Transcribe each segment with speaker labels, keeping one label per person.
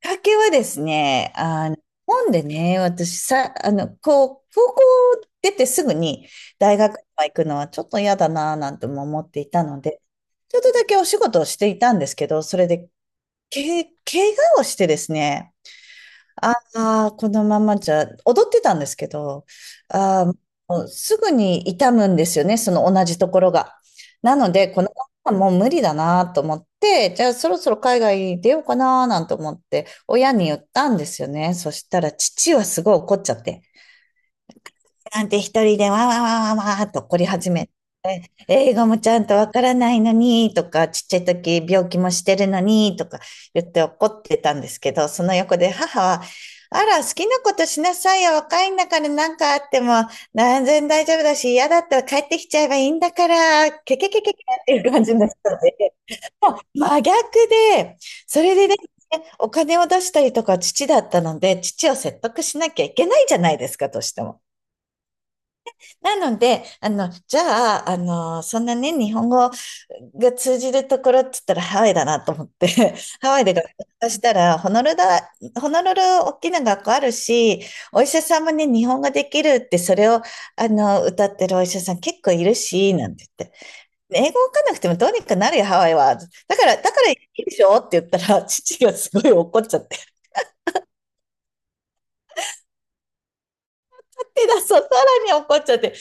Speaker 1: きっかけはですね、日本でね、私さ、こう、高校出てすぐに大学とか行くのはちょっと嫌だなぁなんても思っていたので、ちょっとだけお仕事をしていたんですけど、それで、怪我をしてですね、あこのままじゃ、踊ってたんですけど、あーもうすぐに痛むんですよね、その同じところが。なので、このままもう無理だなと思って、じゃあそろそろ海外に出ようかななんて思って、親に言ったんですよね。そしたら父はすごい怒っちゃって、なんて一人でわーわーわーわーわーっと怒り始め英語もちゃんとわからないのにとか、ちっちゃい時病気もしてるのにとか言って怒ってたんですけど、その横で母は、あら、好きなことしなさいよ。若いんだから何かあっても、全然大丈夫だし、嫌だったら帰ってきちゃえばいいんだから、ケケケケケっていう感じの人で、もう真逆で、それでですね、お金を出したりとか父だったので、父を説得しなきゃいけないじゃないですか、としても。なので、あの、じゃあ、あの、そんなね、日本語が通じるところって言ったらハワイだなと思って、ハワイで学校したら、ホノルル大きな学校あるし、お医者さんもね、日本語できるって、それを、あの、歌ってるお医者さん結構いるし、なんて言って。英語わかんなくてもどうにかなるよ、ハワイは。だからいいでしょって言ったら、父がすごい怒っちゃっ手だ、そさらに怒っちゃって。で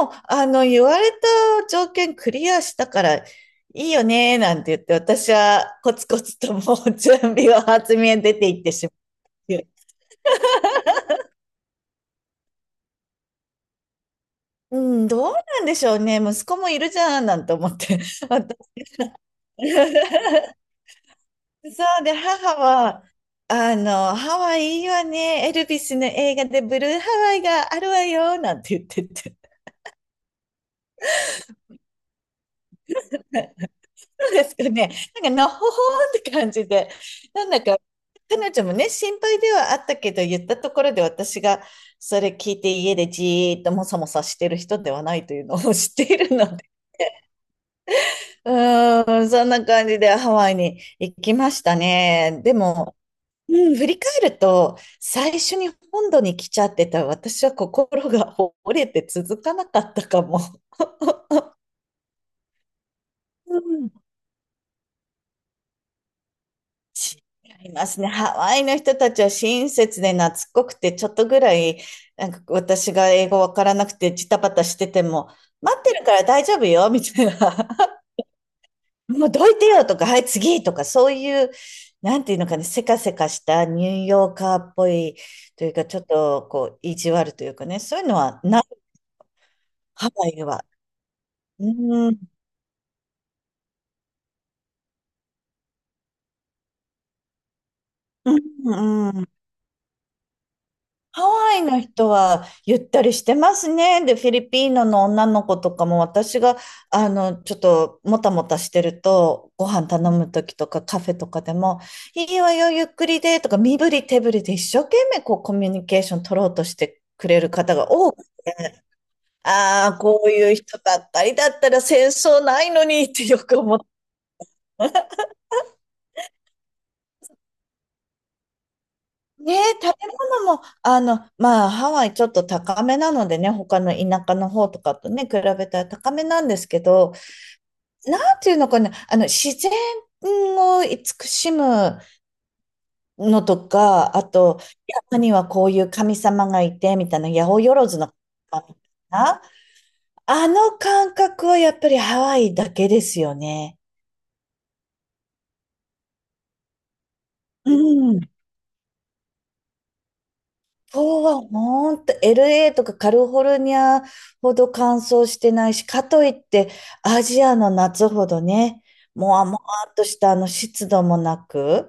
Speaker 1: も、言われた条件クリアしたから、いいよね、なんて言って、私はコツコツともう準備を厚みへ出ていってしまう。うん、どうなんでしょうね。息子もいるじゃん、なんて思って。私 そうで、母は、ハワイいいわね。エルビスの映画でブルーハワイがあるわよ、なんて言ってて。そうですかね。なんか、のほほーって感じで、なんだか、彼女もね、心配ではあったけど、言ったところで私がそれ聞いて家でじーっともさもさしてる人ではないというのを 知っているので、うーん、そんな感じでハワイに行きましたね。でも、うん、振り返ると、最初に本土に来ちゃってた私は心が折れて続かなかったかも。うん、違いますね。ハワイの人たちは親切で懐っこくて、ちょっとぐらい、なんか私が英語わからなくてジタバタしてても、待ってるから大丈夫よ、みたいな。もうどいてよとか、はい、次とか、そういう、なんていうのかね、せかせかしたニューヨーカーっぽいというか、ちょっとこう、意地悪というかね、そういうのはない、ハワイは。うん、うん、うん。ハワイの人はゆったりしてますね。で、フィリピーノの女の子とかも私が、ちょっともたもたしてると、ご飯頼むときとかカフェとかでも、いいわよ、ゆっくりで、とか、身振り手振りで一生懸命こうコミュニケーション取ろうとしてくれる方が多くて、ああ、こういう人ばっかりだったら戦争ないのにってよく思っねえ、食べ物も、ハワイちょっと高めなのでね、他の田舎の方とかとね、比べたら高めなんですけど、なんていうのかな、自然を慈しむのとか、あと、山にはこういう神様がいて、みたいな、八百万の神様みたいな、あの感覚はやっぱりハワイだけですよね。うん。そうはほんと LA とかカリフォルニアほど乾燥してないし、かといってアジアの夏ほどね、もわもわっとしたあの湿度もなく、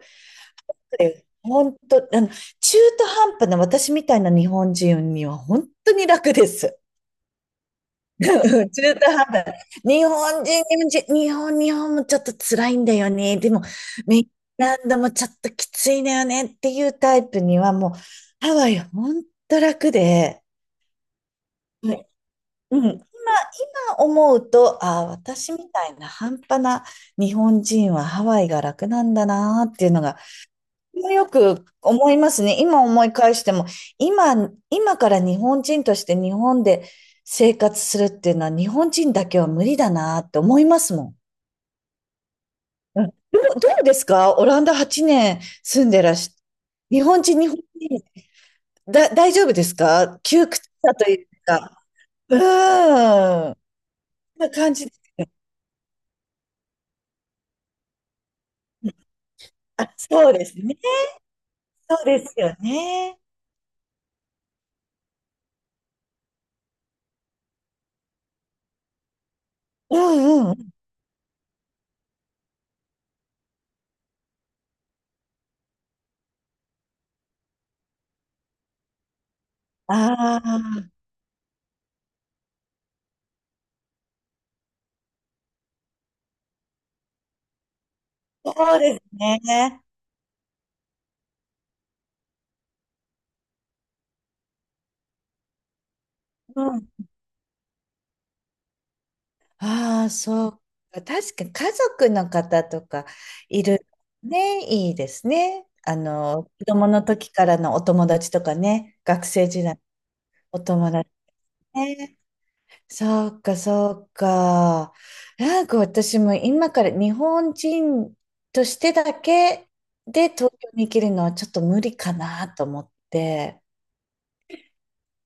Speaker 1: でほんと、中途半端な私みたいな日本人には本当に楽です。中途半端な。日本人、日本人、日本、日本もちょっと辛いんだよね。でも、メキシランドもちょっときついんだよねっていうタイプにはもう、ハワイは本当楽で、うん、今思うと、ああ、私みたいな半端な日本人はハワイが楽なんだなっていうのが、よく思いますね。今思い返しても、今、今から日本人として日本で生活するっていうのは日本人だけは無理だなって思いますもん。うん、どうですかオランダ8年住んでらし、日本人、日本人、だ、大丈夫ですか窮屈さというか、うーん、そんな感じ。あ、そうですね。そうですよね。うんうん。ああ、そうですね。うん。ああ、そうか。確かに家族の方とかいるね、いいですね。子供の時からのお友達とかね、学生時代、お友達ね。そうか、そうか。なんか私も今から日本人としてだけで東京に生きるのはちょっと無理かなと思って。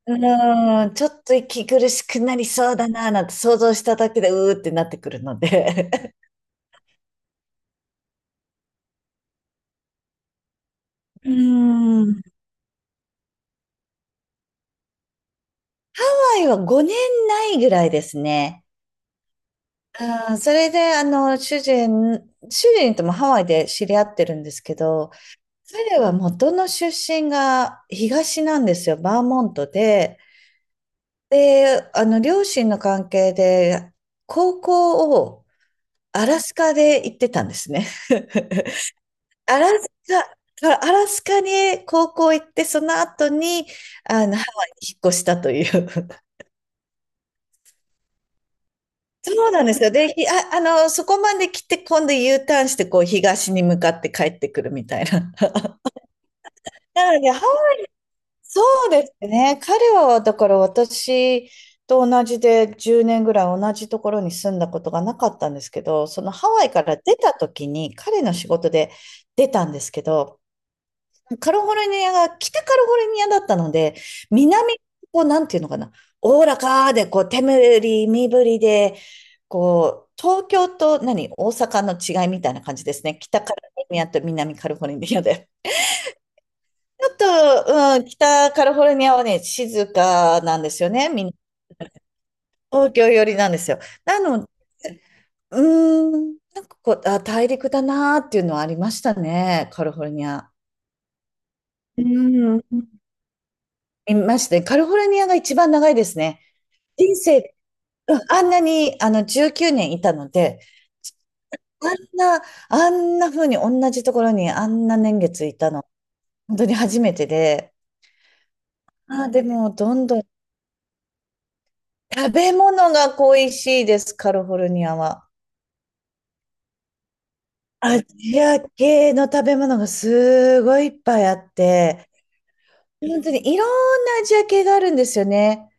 Speaker 1: うーん、ちょっと息苦しくなりそうだな、なんて想像しただけで、うーってなってくるので。うーん。ハワイは5年ないぐらいですね。うん、それで、主人ともハワイで知り合ってるんですけど、彼は元の出身が東なんですよ、バーモントで。で、両親の関係で、高校をアラスカで行ってたんですね。アラスアラスカに高校行って、その後に、ハワイに引っ越したという。そうなんですよ。で、ひあ、あの、そこまで来て、今度 U ターンして、こう、東に向かって帰ってくるみたいな。なので、ハワイそうですね。彼は、だから私と同じで、10年ぐらい同じところに住んだことがなかったんですけど、そのハワイから出た時に、彼の仕事で出たんですけど、カリフォルニアが北カリフォルニアだったので、南、こう、なんていうのかな、おおらかで、こう、手振り、身振りで、こう、東京と大阪の違いみたいな感じですね。北カリフォルニアと南カリフォルニアで。ちょっと、うん、北カリフォルニアはね、静かなんですよね。みんな、東京寄りなんですよ。なの、うーん、なんかこう、あ、大陸だなーっていうのはありましたね、カリフォルニア。うん。いましたね。カリフォルニアが一番長いですね。人生、うんあんなに、19年いたので、あんな、あんな風に同じところにあんな年月いたの、本当に初めてで、あー、でも、どんどん食べ物が恋しいです、カリフォルニアは。アジア系の食べ物がすごいいっぱいあって、本当にいろんなアジア系があるんですよね。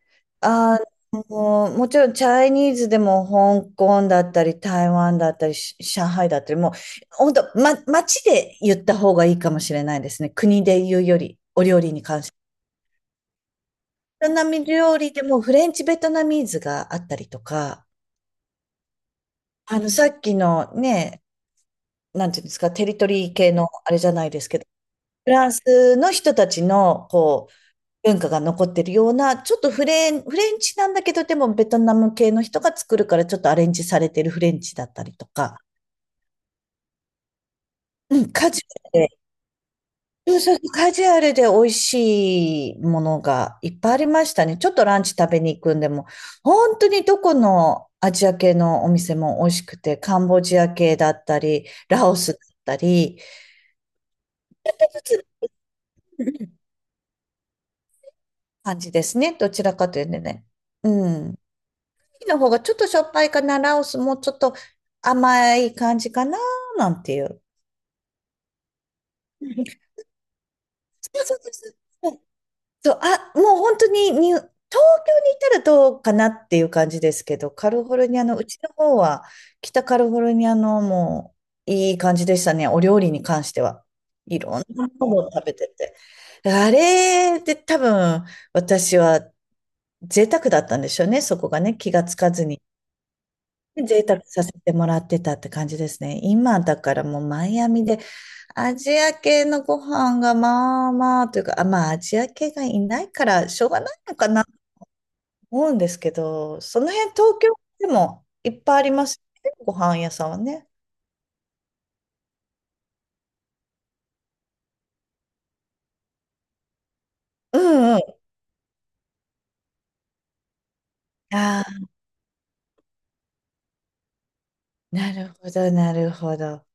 Speaker 1: あもちろんチャイニーズでも香港だったり、台湾だったり、し上海だったり、もう本当、ま、街で言った方がいいかもしれないですね。国で言うより、お料理に関して。ベトナム料理でもフレンチベトナミーズがあったりとか、さっきのね、なんていうんですか、テリトリー系のあれじゃないですけど、フランスの人たちの、こ文化が残ってるような、ちょっとフレンチなんだけど、でもベトナム系の人が作るからちょっとアレンジされてるフレンチだったりとか、うん、カジュアルで、そうそうカジュアルで美味しいものがいっぱいありましたね。ちょっとランチ食べに行くんでも、本当にどこのアジア系のお店も美味しくて、カンボジア系だったり、ラオスだったり、感じですね。どちらかというとね。うん。キの方がちょっとしょっぱいかな、ラオスもちょっと甘い感じかな、なんていう。そうそうそうそう。そう、あ、もう本当にに、東京にいたらどうかなっていう感じですけど、カリフォルニアの、うちの方は、北カリフォルニアのもういい感じでしたね、お料理に関しては。いろんなものを食べてて。あれで多分、私は贅沢だったんでしょうね、そこがね、気がつかずに。で贅沢させてもらってたって感じですね。今だからもうマイアミでアジア系のご飯がまあまあというか、あ、まあアジア系がいないからしょうがないのかなと思うんですけど、その辺東京でもいっぱいありますね。ご飯屋さんはね。うんうん。ああ、なるほど、なるほど。